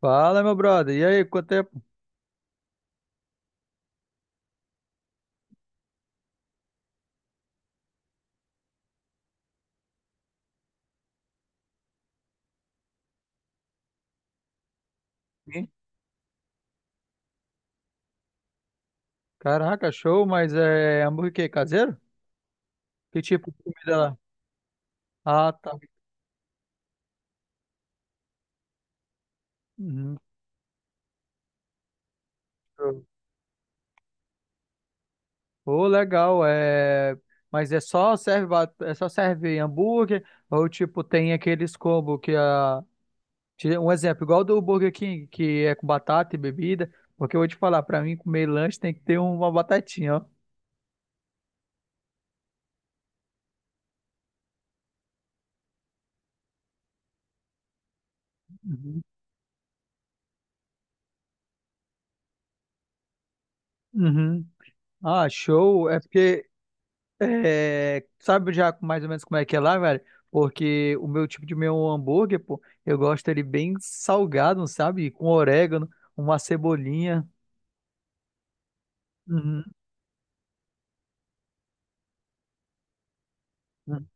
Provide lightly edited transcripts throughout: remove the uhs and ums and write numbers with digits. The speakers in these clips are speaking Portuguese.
Fala, meu brother. E aí, quanto tempo? Sim. Caraca, show, mas é hambúrguer caseiro? Que tipo de comida lá? Ah, tá. Uhum. Show. Pô, legal. Mas é só serve hambúrguer ou tipo tem aqueles combo um exemplo, igual do Burger King, que é com batata e bebida, porque eu vou te falar, pra mim comer lanche tem que ter uma batatinha, ó. Uhum. Uhum. Ah, show. É porque É, sabe já mais ou menos como é que é lá, velho? Porque o meu tipo de meu hambúrguer, pô, eu gosto ele bem salgado, sabe? Com orégano, uma cebolinha. Uhum, uhum,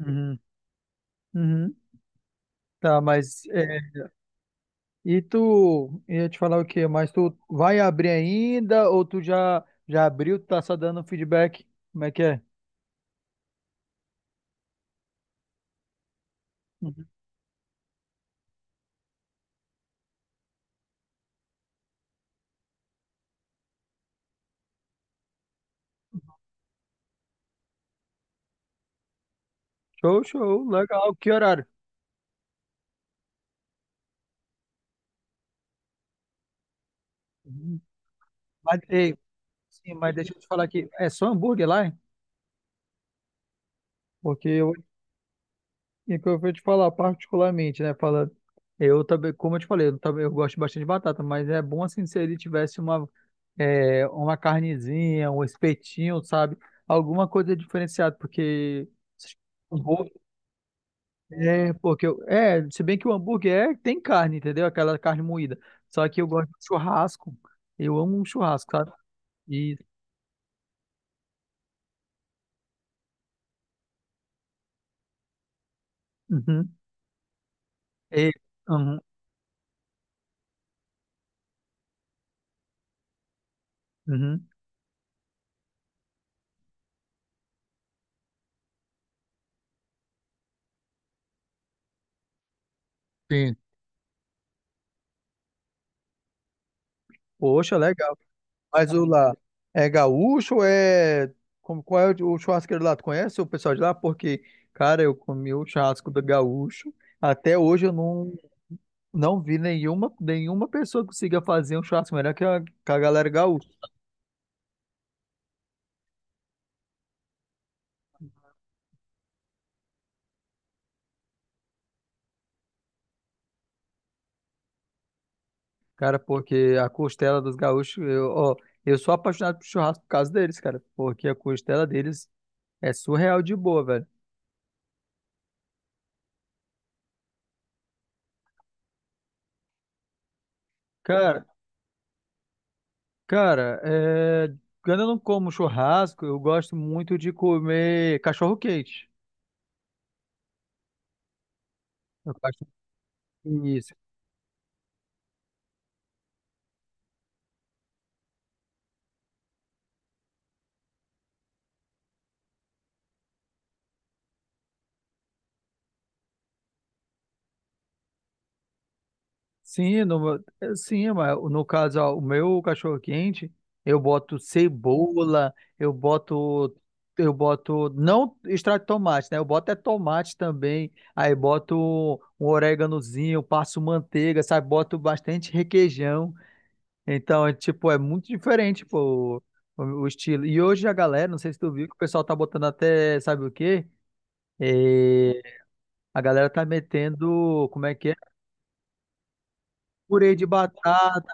uhum, uhum. Tá, e tu ia te falar o quê? Mas tu vai abrir ainda ou tu já abriu, tá só dando feedback? Como é que é? Uhum. Show, show, legal. Que horário? Uhum. Mas, ei, sim, mas deixa eu te falar aqui, é só hambúrguer lá, hein? Porque eu E é o que eu vou te falar particularmente, né? Fala, eu também, como eu te falei, eu gosto bastante de batata, mas é bom assim se ele tivesse uma carnezinha, um espetinho, sabe? Alguma coisa diferenciada, porque hambúrguer é, se bem que o hambúrguer tem carne, entendeu? Aquela carne moída. Só que eu gosto de churrasco. Eu amo um churrasco, sabe? E, uhum, e, uhum, uhum. Sim. Poxa, legal. Mas o lá é gaúcho ou é. Como, qual é o churrasqueiro lá? Tu conhece o pessoal de lá? Porque, cara, eu comi o churrasco do gaúcho. Até hoje eu não, não vi nenhuma, nenhuma pessoa que consiga fazer um churrasco melhor que que a galera gaúcha. Cara, porque a costela dos gaúchos, eu, ó, eu sou apaixonado por churrasco por causa deles, cara. Porque a costela deles é surreal de boa, velho. Cara, cara, quando eu não como churrasco, eu gosto muito de comer cachorro-quente. Isso. Sim, no, sim, mas no caso, ó, o meu cachorro quente, eu boto cebola, eu boto, eu boto, não extrato de tomate, né? Eu boto é tomate também, aí boto um oréganozinho, passo manteiga, sabe? Boto bastante requeijão. Então, é, tipo, é muito diferente, pô, o estilo. E hoje a galera, não sei se tu viu, que o pessoal tá botando até, sabe o quê? É, a galera tá metendo, como é que é? Purê de batata.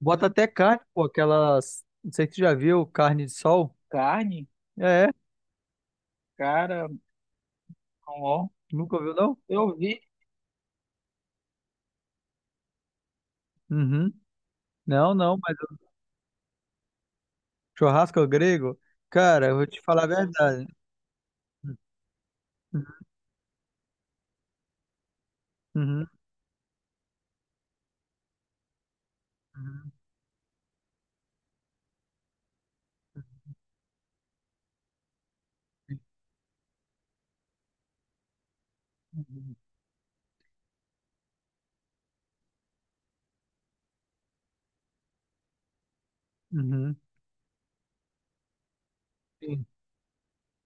Bota até carne, pô, aquelas. Não sei se tu já viu carne de sol. Carne, é, cara, ó. Nunca viu, não? Eu vi. Uhum. Não, não, mas o churrasco é grego, cara, eu vou te falar a verdade. Uhum. Uhum. Uhum. Sim.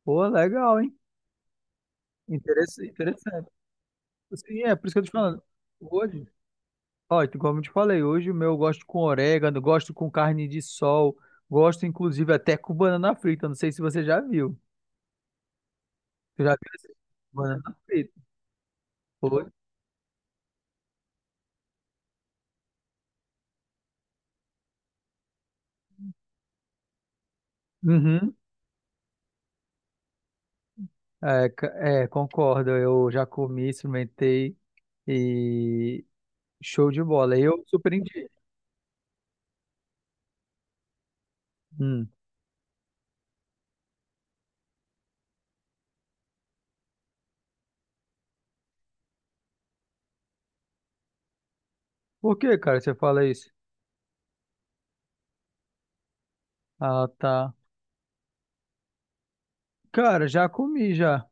Pô, legal, hein? Interess- Interessante. Sim, é por isso que eu tô te falando. Hoje, ó, como eu te falei, hoje o meu, eu gosto com orégano, gosto com carne de sol, gosto inclusive até com banana frita. Não sei se você já viu. Tu já viu esse? Banana frita. Foi? Uhum. É, c- concordo. Eu já comi, experimentei e show de bola. Eu surpreendi. Hum. Por que, cara, você fala isso? Ah, tá. Cara, já comi já.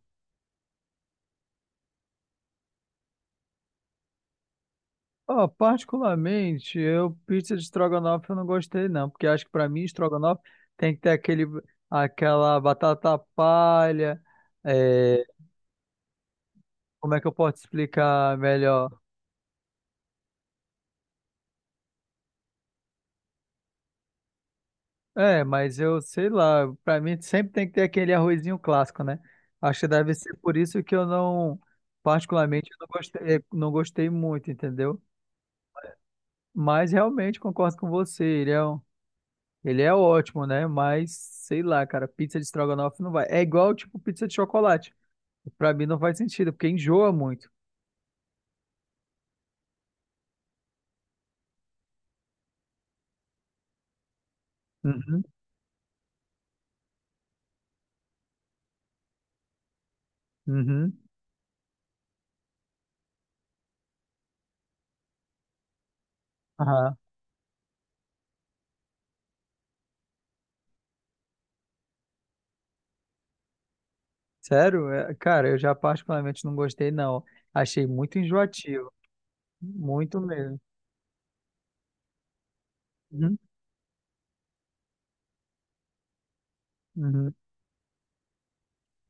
Ó, particularmente, eu pizza de estrogonofe eu não gostei não, porque acho que pra mim estrogonofe tem que ter aquele aquela batata palha. é, Como é que eu posso explicar melhor? É, mas eu sei lá, pra mim sempre tem que ter aquele arrozinho clássico, né? Acho que deve ser por isso que eu particularmente, eu não gostei, não gostei muito, entendeu? Mas realmente concordo com você, ele é ótimo, né? Mas sei lá, cara, pizza de estrogonofe não vai. É igual, tipo, pizza de chocolate. Pra mim não faz sentido, porque enjoa muito. Uhum, uhum. Aham. Sério? É, cara, eu já particularmente não gostei, não. Achei muito enjoativo, muito mesmo. Uhum. Uhum.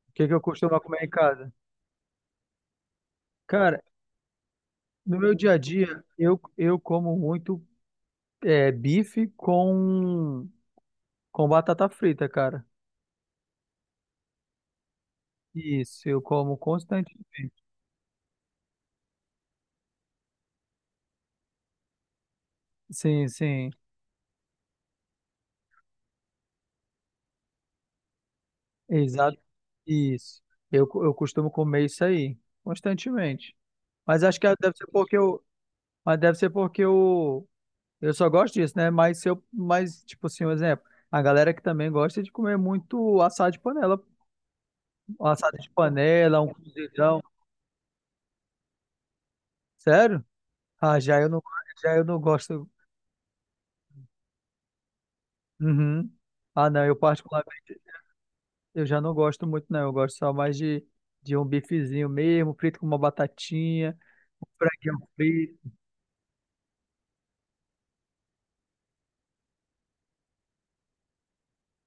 O que que eu costumo comer em casa? Cara, no meu dia a dia, eu como muito bife com batata frita, cara. Isso, eu como constantemente. Sim, sim, exato. Isso. Eu costumo comer isso aí, constantemente. Mas acho que deve ser porque eu, mas deve ser porque eu só gosto disso, né? Mas se eu, mas, tipo assim, um exemplo, a galera que também gosta de comer muito assado de panela, um assado de panela, um cozidão. Sério? Ah, já eu não, já eu não gosto. Uhum. Ah, não, eu particularmente eu já não gosto muito, não. Eu gosto só mais de um bifezinho mesmo, frito com uma batatinha, um franguinho frito.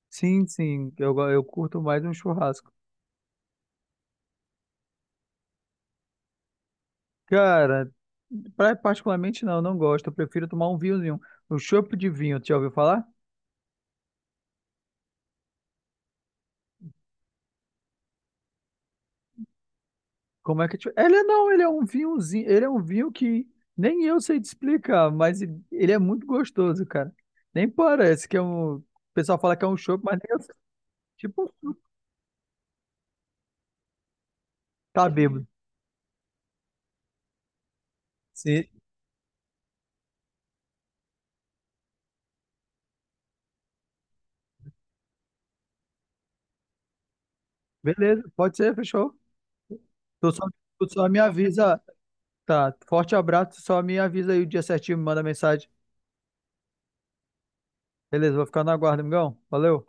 Eu curto mais um churrasco. Cara, particularmente não, eu não gosto. Eu prefiro tomar um vinhozinho, um chopp de vinho. Tu já ouviu falar? Como é que. Tu- Ele é- Não, ele é um vinhozinho, ele é um vinho que nem eu sei te explicar, mas ele é muito gostoso, cara. Nem parece que é um. O pessoal fala que é um chopp, mas nem eu. Tipo, tá bêbado. Sim. Beleza, pode ser, fechou. Tu só, tu só me avisa. Tá, forte abraço, tu só me avisa aí o dia certinho, me manda mensagem. Beleza, vou ficar na guarda, amigão. Valeu.